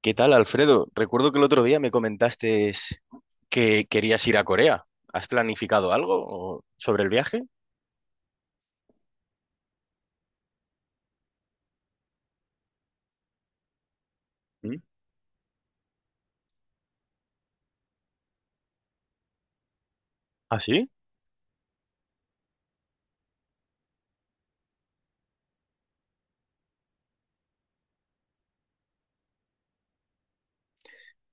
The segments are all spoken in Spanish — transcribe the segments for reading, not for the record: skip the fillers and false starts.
¿Qué tal, Alfredo? Recuerdo que el otro día me comentaste que querías ir a Corea. ¿Has planificado algo sobre el viaje? ¿Mm? ¿Ah, sí?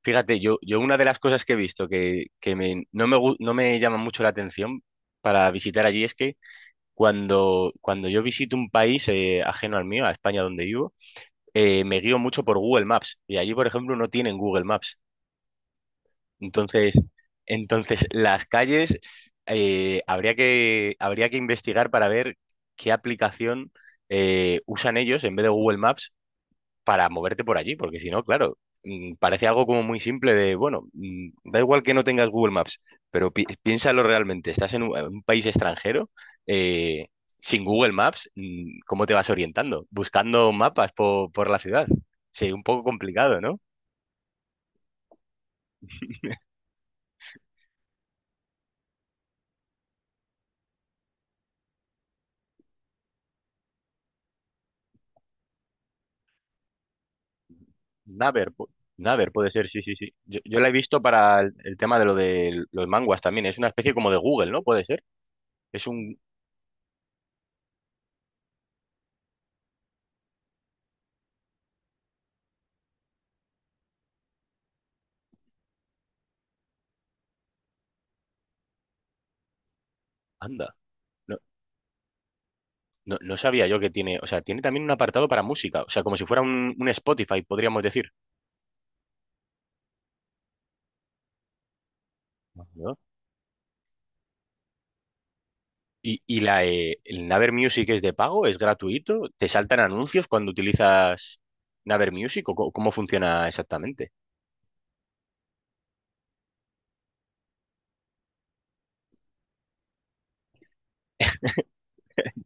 Fíjate, yo una de las cosas que he visto que no me llama mucho la atención para visitar allí es que cuando yo visito un país ajeno al mío, a España donde vivo, me guío mucho por Google Maps. Y allí, por ejemplo, no tienen Google Maps. Entonces, entonces, las calles habría que investigar para ver qué aplicación usan ellos en vez de Google Maps para moverte por allí, porque si no, claro, parece algo como muy simple de, bueno, da igual que no tengas Google Maps, pero piénsalo realmente, estás en un, país extranjero, eh, sin Google Maps, ¿cómo te vas orientando? Buscando mapas por la ciudad. Sí, un poco complicado, ¿no? Naver, pu- Naver puede ser, sí, sí, sí. Yo la he visto para el tema de lo de los manguas también. Es una especie como de Google, ¿no? Puede ser. Es un. Anda. No, no, no sabía yo que tiene. O sea, tiene también un apartado para música. O sea, como si fuera un Spotify, podríamos decir. ¿No? Y el Naver Music es de pago, es gratuito. ¿Te saltan anuncios cuando utilizas Naver Music? ¿O cómo funciona exactamente?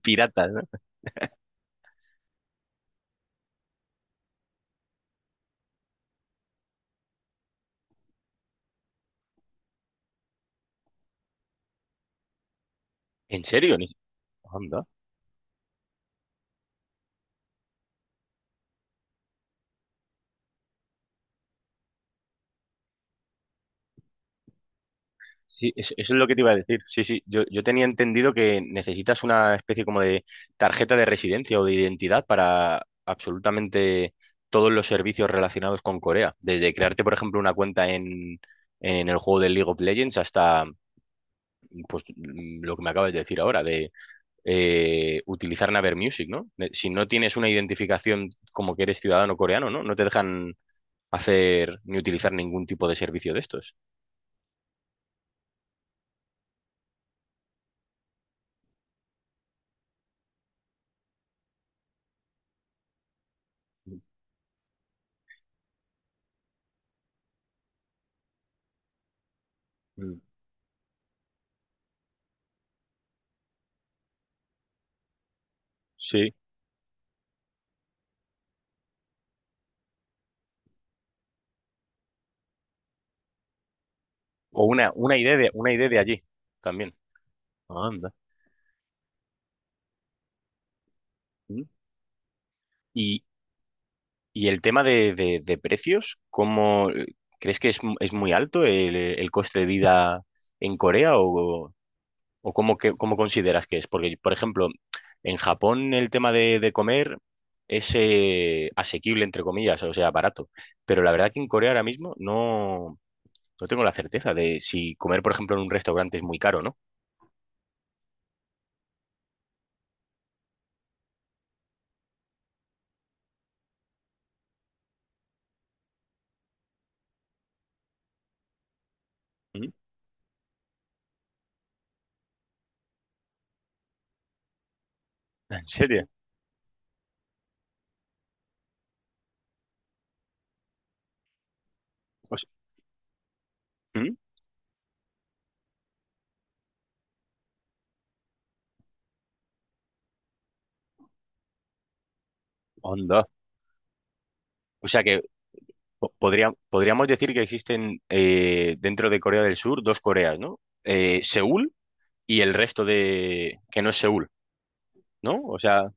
Piratas, ¿no? ¿En serio? Ni- Anda. Sí, eso es lo que te iba a decir. Sí, sí, yo tenía entendido que necesitas una especie como de tarjeta de residencia o de identidad para absolutamente todos los servicios relacionados con Corea. Desde crearte, por ejemplo, una cuenta en, el juego de League of Legends hasta pues, lo que me acabas de decir ahora, de utilizar Naver Music, ¿no? Si no tienes una identificación como que eres ciudadano coreano, ¿no? No te dejan hacer ni utilizar ningún tipo de servicio de estos. Mm. Sí. O una idea de allí también. Anda. ¿Mm? Y, y el tema de precios, ¿cómo crees que es, es muy alto el coste de vida en Corea o cómo, cómo consideras que es? Porque, por ejemplo, en Japón el tema de comer es asequible, entre comillas, o sea, barato. Pero la verdad que en Corea ahora mismo no tengo la certeza de si comer, por ejemplo, en un restaurante es muy caro, ¿no? ¿Mm? ¿En serio? Hos- ¿Mm? Onda. O sea que podríamos decir que existen dentro de Corea del Sur dos Coreas, ¿no? Seúl y el resto de que no es Seúl, ¿no? O sea,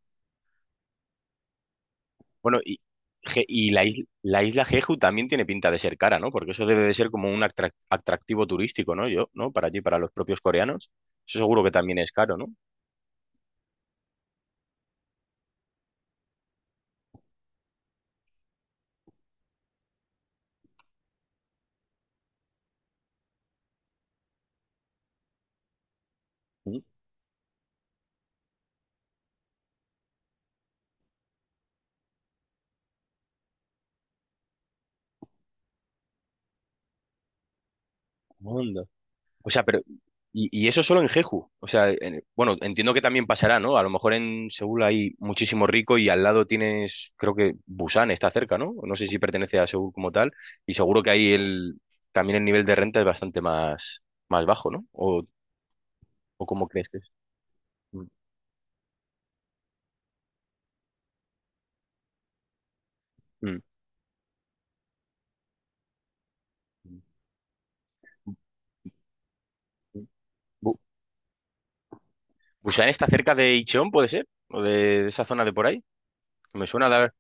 bueno, y, y la isla Jeju también tiene pinta de ser cara, ¿no? Porque eso debe de ser como un atractivo turístico, ¿no? Yo, ¿no? Para allí, para los propios coreanos. Eso seguro que también es caro, ¿no? Mm, O sea, pero. Y eso solo en Jeju. O sea, bueno, entiendo que también pasará, ¿no? A lo mejor en Seúl hay muchísimo rico y al lado tienes, creo que Busan está cerca, ¿no? No sé si pertenece a Seúl como tal. Y seguro que ahí también el nivel de renta es bastante más bajo, ¿no? ¿O cómo crees que es? Mm, mm, mm. Mm. Bu- ¿Busan está cerca de Incheon, puede ser? ¿O de esa zona de por ahí? Que me suena la.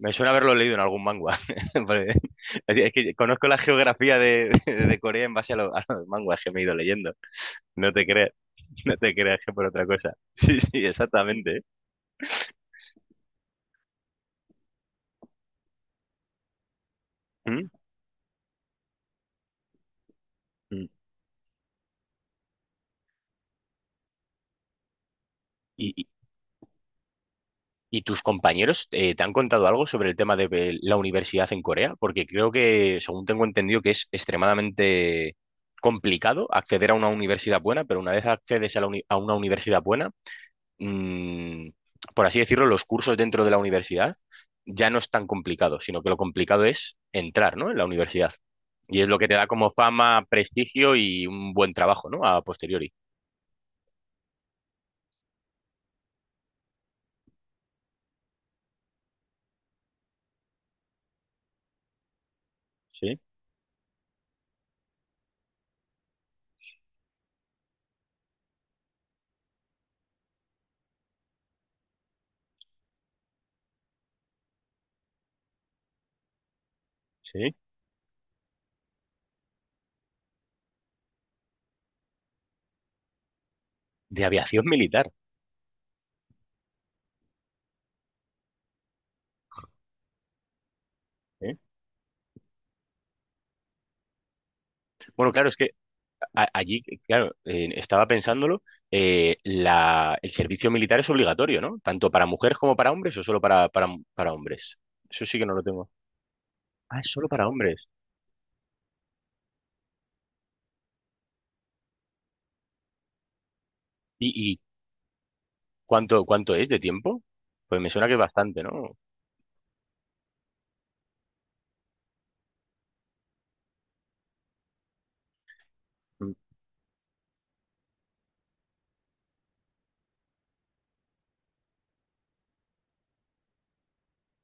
Me suena haberlo leído en algún manga. Porque es que conozco la geografía de Corea en base a los mangas que me he ido leyendo. No te creas, no te creas que por otra cosa. Sí, sí, exactamente. ¿Eh? Mm. Mm. ¿Y, y- y tus compañeros te han contado algo sobre el tema de la universidad en Corea? Porque creo que, según tengo entendido, que es extremadamente complicado acceder a una universidad buena, pero una vez accedes a una universidad buena, mm, por así decirlo, los cursos dentro de la universidad ya no es tan complicado, sino que lo complicado es entrar, ¿no? En la universidad. Y es lo que te da como fama, prestigio y un buen trabajo, ¿no? A posteriori. Sí, sí. De aviación militar. ¿Eh? Bueno, claro, es que allí, claro, estaba pensándolo, el servicio militar es obligatorio, ¿no? Tanto para mujeres como para hombres o solo para hombres. Eso sí que no lo tengo. Ah, es solo para hombres. ¿Y, ¿cuánto es de tiempo? Pues me suena que es bastante, ¿no? Mm,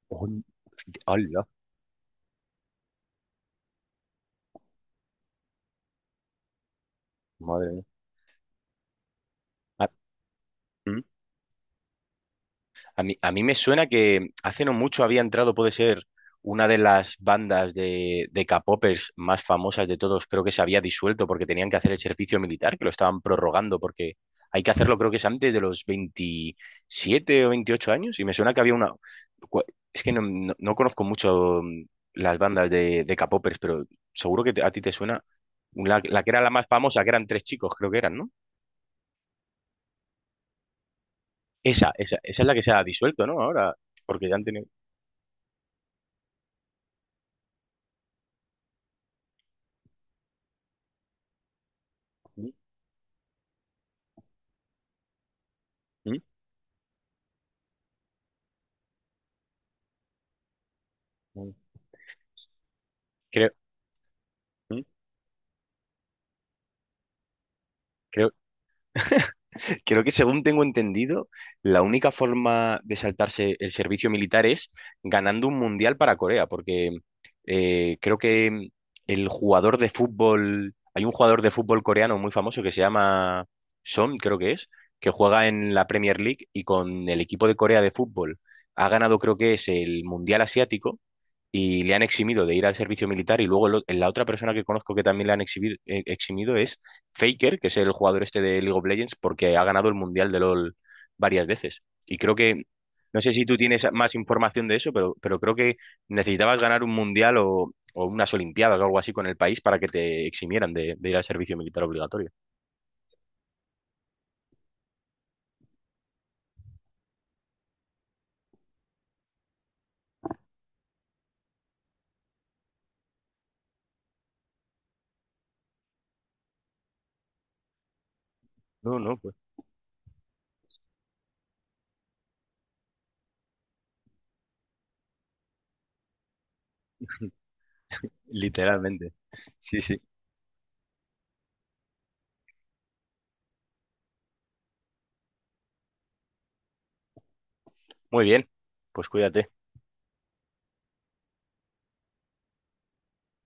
hol- ¡Hala! Madre mía. Ah, a mí me suena que hace no mucho había entrado, puede ser, una de las bandas de K-popers más famosas de todos. Creo que se había disuelto porque tenían que hacer el servicio militar, que lo estaban prorrogando porque hay que hacerlo, creo que es antes de los 27 o 28 años. Y me suena que había una. Cua- Es que no- conozco mucho las bandas de K-popers, pero seguro que a ti te suena la que era la más famosa, que eran tres chicos, creo que eran, ¿no? Esa es la que se ha disuelto, ¿no? Ahora, porque ya han tenido. ¿Mm? ¿Mm? Creo. ¿Mm? creo, creo que según tengo entendido, la única forma de saltarse el servicio militar es ganando un mundial para Corea, porque creo que el jugador de fútbol, hay un jugador de fútbol coreano muy famoso que se llama Son, creo que es, que juega en la Premier League y con el equipo de Corea de fútbol ha ganado, creo que es el mundial asiático y le han eximido de ir al servicio militar y luego la otra persona que conozco que también le han eximido es Faker, que es el jugador este de League of Legends porque ha ganado el Mundial de LoL varias veces. Y creo que, no sé si tú tienes más información de eso, pero, creo que necesitabas ganar un Mundial o unas Olimpiadas o algo así con el país para que te eximieran de ir al servicio militar obligatorio. No, no, pues literalmente. Sí, sí. Muy bien, pues cuídate.